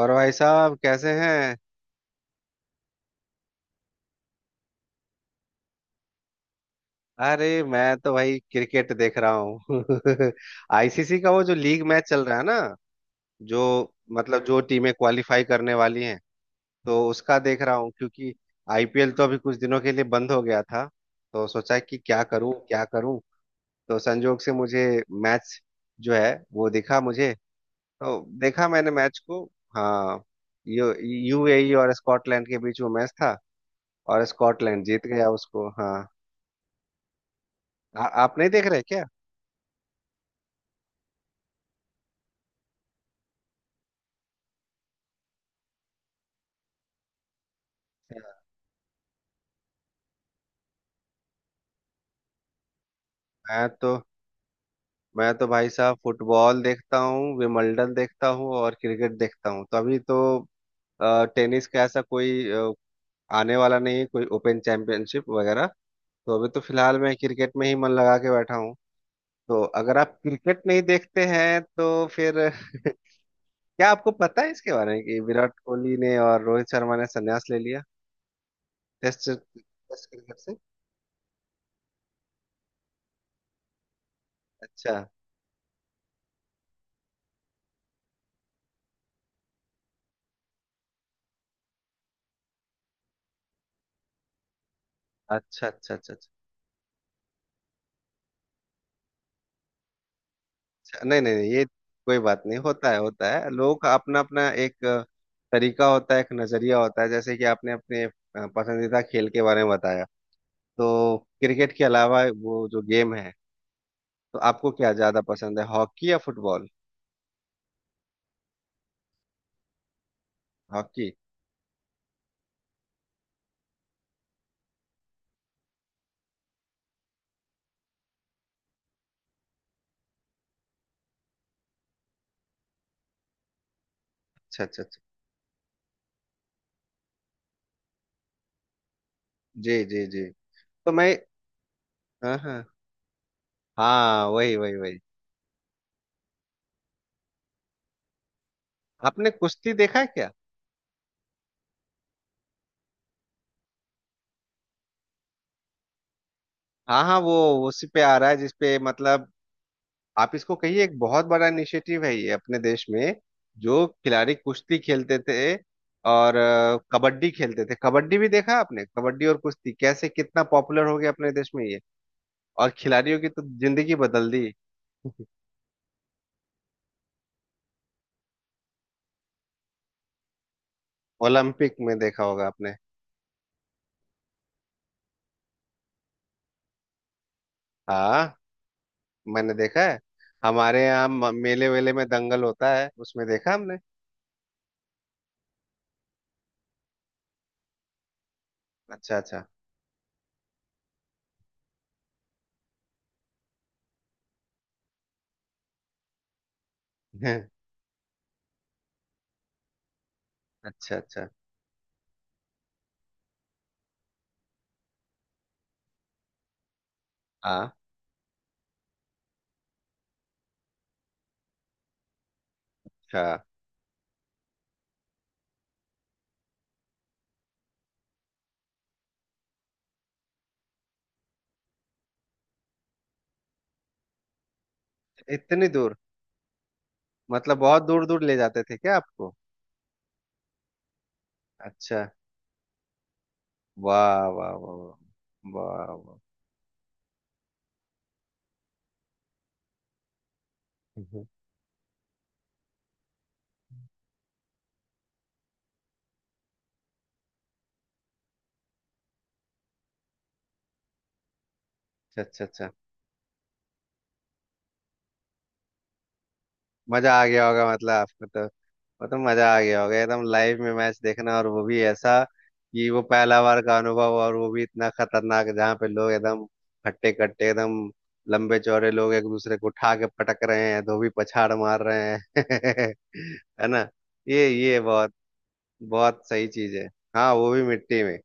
और भाई साहब कैसे हैं। अरे मैं तो भाई क्रिकेट देख रहा हूँ। आईसीसी का वो जो लीग मैच चल रहा है ना। जो मतलब जो टीमें क्वालिफाई करने वाली हैं, तो उसका देख रहा हूँ क्योंकि आईपीएल तो अभी कुछ दिनों के लिए बंद हो गया था। तो सोचा कि क्या करूँ क्या करूँ। तो संजोग से मुझे मैच जो है वो दिखा मुझे। तो देखा मैंने मैच को। हाँ। यू यूएई और स्कॉटलैंड के बीच वो मैच था। और स्कॉटलैंड जीत गया उसको। हाँ। आप नहीं देख रहे क्या? मैं तो मैं तो भाई साहब फुटबॉल देखता हूँ, विमल्डन देखता हूँ और क्रिकेट देखता हूँ, तो अभी तो टेनिस का ऐसा कोई आने वाला नहीं है कोई ओपन चैंपियनशिप वगैरह। तो अभी तो फिलहाल मैं क्रिकेट में ही मन लगा के बैठा हूँ। तो अगर आप क्रिकेट नहीं देखते हैं तो फिर। क्या आपको पता है इसके बारे में कि विराट कोहली ने और रोहित शर्मा ने संन्यास ले लिया? टेस्ट टेस्ट क्रिकेट से। अच्छा, अच्छा, अच्छा, अच्छा। अच्छा, अच्छा, नहीं, नहीं, नहीं, ये कोई बात नहीं। होता है, होता है लोगों का अपना अपना एक तरीका होता है, एक नजरिया होता है। जैसे कि आपने अपने पसंदीदा खेल के बारे में बताया, तो क्रिकेट के अलावा वो जो गेम है, तो आपको क्या ज्यादा पसंद है, हॉकी या फुटबॉल? हॉकी। अच्छा, अच्छा, अच्छा। जी, जी, जी। तो मैं। हाँ, हाँ, हाँ, वही, वही, वही। आपने कुश्ती देखा है क्या? हाँ, हाँ, वो उसी पे आ रहा है जिसपे मतलब। आप इसको कहिए एक बहुत बड़ा इनिशिएटिव है ये अपने देश में। जो खिलाड़ी कुश्ती खेलते थे और कबड्डी खेलते थे। कबड्डी भी देखा आपने? कबड्डी और कुश्ती कैसे कितना पॉपुलर हो गया अपने देश में ये। और खिलाड़ियों की तो जिंदगी बदल दी। ओलंपिक में देखा होगा आपने। हाँ, मैंने देखा है। हमारे यहाँ मेले वेले में दंगल होता है, उसमें देखा हमने। अच्छा, अच्छा। अच्छा, अच्छा। हाँ। अच्छा। इतनी दूर, मतलब बहुत दूर दूर ले जाते थे क्या आपको? अच्छा। वाह, वाह, वाह। वाह, वाह, वाह। हम्म। अच्छा, अच्छा, अच्छा। मजा आ गया होगा मतलब आपको तो। वो तो मजा आ गया होगा एकदम लाइव में मैच देखना, और वो भी ऐसा कि वो पहला बार का अनुभव, और वो भी इतना खतरनाक जहाँ पे लोग एकदम हट्टे कट्टे, एकदम लंबे चौड़े लोग एक दूसरे को उठा के पटक रहे हैं, धोबी पछाड़ मार रहे हैं। है ना? ये बहुत बहुत सही चीज है। हाँ, वो भी मिट्टी में।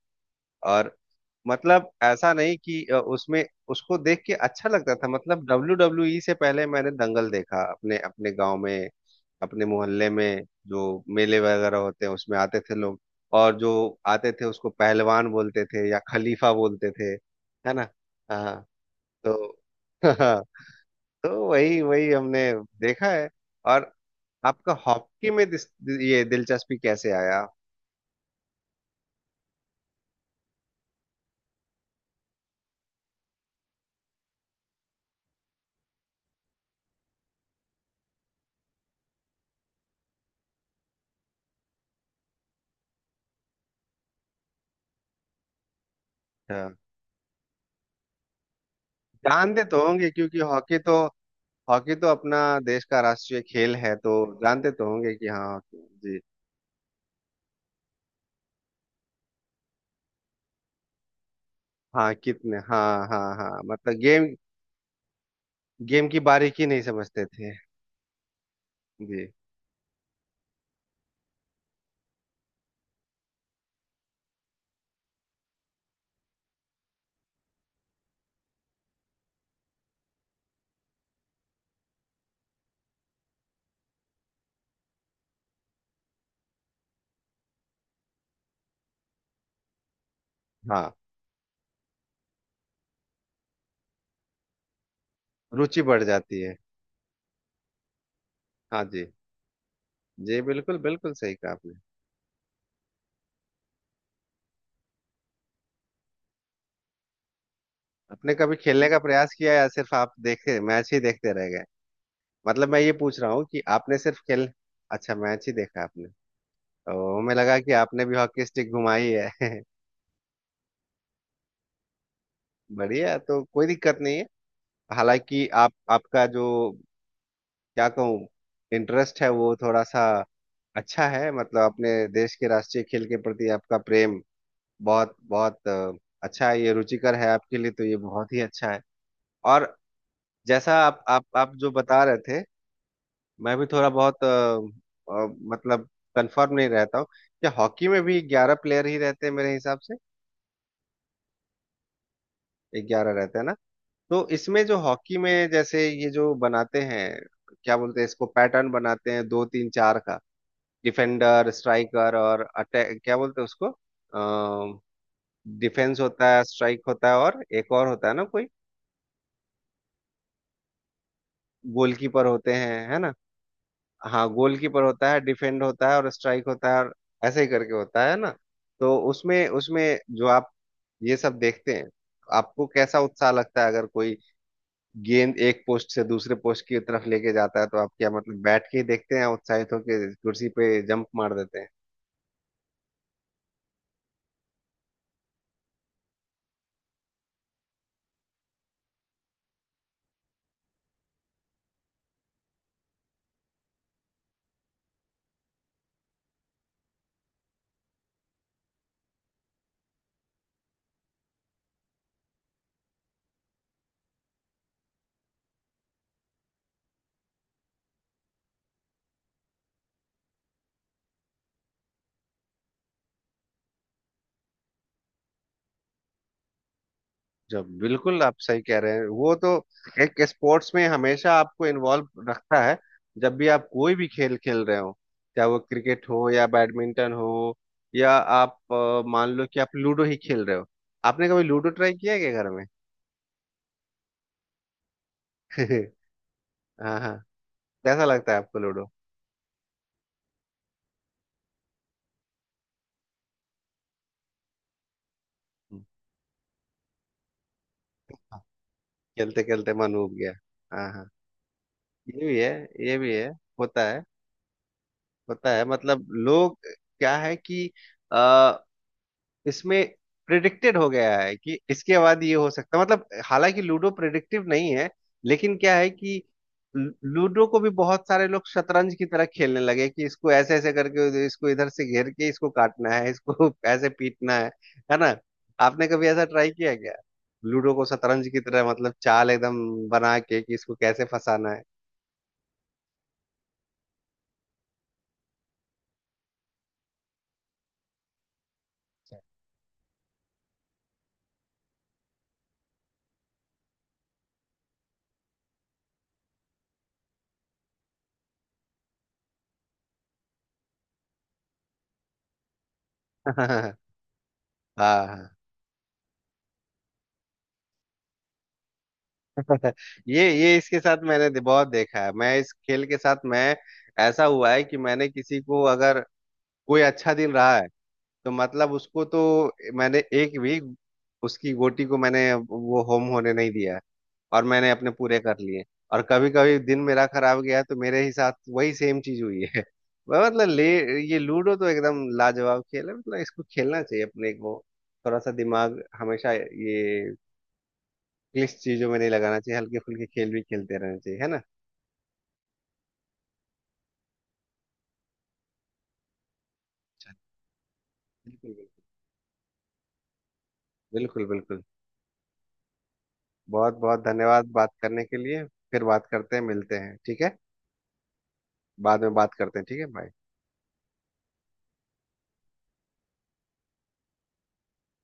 और मतलब ऐसा नहीं कि उसमें उसको देख के अच्छा लगता था। मतलब डब्ल्यू डब्ल्यू ई से पहले मैंने दंगल देखा, अपने अपने गांव में, अपने मोहल्ले में। जो मेले वगैरह होते हैं उसमें आते थे लोग। और जो आते थे उसको पहलवान बोलते थे या खलीफा बोलते थे, है ना? हाँ। तो। तो वही वही हमने देखा है। और आपका हॉकी में ये दिलचस्पी कैसे आया? हाँ। जानते तो होंगे क्योंकि हॉकी तो अपना देश का राष्ट्रीय खेल है, तो जानते तो होंगे कि हाँ, हॉकी जी। हाँ, कितने, हाँ, हाँ, हाँ, मतलब गेम। गेम की बारीकी नहीं समझते थे। जी। हाँ, रुचि बढ़ जाती है। हाँ जी, जी, बिल्कुल, बिल्कुल सही कहा आपने। आपने कभी खेलने का प्रयास किया, या सिर्फ आप देखे, मैच ही देखते रह गए? मतलब मैं ये पूछ रहा हूँ कि आपने सिर्फ खेल। अच्छा, मैच ही देखा आपने। तो हमें लगा कि आपने भी हॉकी स्टिक घुमाई है। बढ़िया, तो कोई दिक्कत नहीं है। हालांकि आप आपका जो, क्या कहूँ, इंटरेस्ट है वो थोड़ा सा अच्छा है, मतलब अपने देश के राष्ट्रीय खेल के प्रति आपका प्रेम बहुत बहुत अच्छा है। ये रुचिकर है आपके लिए, तो ये बहुत ही अच्छा है। और जैसा आप जो बता रहे थे, मैं भी थोड़ा बहुत, अ, मतलब कंफर्म नहीं रहता हूँ। क्या हॉकी में भी 11 प्लेयर ही रहते हैं मेरे हिसाब से? 11 रहते हैं ना? तो इसमें जो हॉकी में जैसे ये जो बनाते हैं, क्या बोलते हैं इसको, पैटर्न बनाते हैं दो तीन चार का। डिफेंडर, स्ट्राइकर और अटैक, क्या बोलते हैं उसको? डिफेंस होता है, स्ट्राइक होता है और एक और होता है ना कोई। गोलकीपर होते हैं, है ना? हाँ, गोलकीपर होता है, डिफेंड होता है और स्ट्राइक होता है और ऐसे ही करके होता है ना। तो उसमें उसमें जो आप ये सब देखते हैं, आपको कैसा उत्साह लगता है? अगर कोई गेंद एक पोस्ट से दूसरे पोस्ट की तरफ लेके जाता है तो आप क्या मतलब बैठ के ही देखते हैं या उत्साहित होकर कुर्सी पे जंप मार देते हैं? जब बिल्कुल आप सही कह रहे हैं, वो तो एक स्पोर्ट्स में हमेशा आपको इन्वॉल्व रखता है। जब भी आप कोई भी खेल खेल रहे हो, चाहे वो क्रिकेट हो या बैडमिंटन हो, या आप मान लो कि आप लूडो ही खेल रहे हो। आपने कभी लूडो ट्राई किया है क्या घर में? हाँ, हाँ। कैसा लगता है आपको लूडो? हम्म, हाँ, खेलते खेलते मन उब गया। हाँ, हाँ, ये भी है, ये भी है। होता है, होता है, मतलब लोग क्या है कि इसमें प्रिडिक्टेड हो गया है कि इसके बाद ये हो सकता है, मतलब हालांकि लूडो प्रिडिक्टिव नहीं है, लेकिन क्या है कि लूडो को भी बहुत सारे लोग शतरंज की तरह खेलने लगे कि इसको ऐसे ऐसे करके इसको इधर से घेर के इसको काटना है, इसको ऐसे पीटना है ना? आपने कभी ऐसा ट्राई किया क्या, लूडो को शतरंज की तरह, मतलब चाल एकदम बना के कि इसको कैसे फंसाना है? हाँ, हाँ। ये इसके साथ मैंने बहुत देखा है। मैं इस खेल के साथ मैं ऐसा हुआ है कि मैंने किसी को, अगर कोई अच्छा दिन रहा है, तो मतलब उसको तो मैंने एक भी उसकी गोटी को मैंने वो होम होने नहीं दिया, और मैंने अपने पूरे कर लिए। और कभी कभी दिन मेरा खराब गया तो मेरे ही साथ वही सेम चीज हुई है। मैं मतलब ले। ये लूडो तो एकदम लाजवाब खेल है, मतलब इसको खेलना चाहिए अपने को। थोड़ा सा दिमाग हमेशा ये इंग्लिश चीजों में नहीं लगाना चाहिए, हल्के फुल्के खेल भी खेलते रहना चाहिए, है ना? चलिए, बिल्कुल, बिल्कुल, बिल्कुल। बिल्कुल बहुत बहुत धन्यवाद बात करने के लिए। फिर बात करते हैं, मिलते हैं, ठीक है। बाद में बात करते हैं, ठीक है, बाय।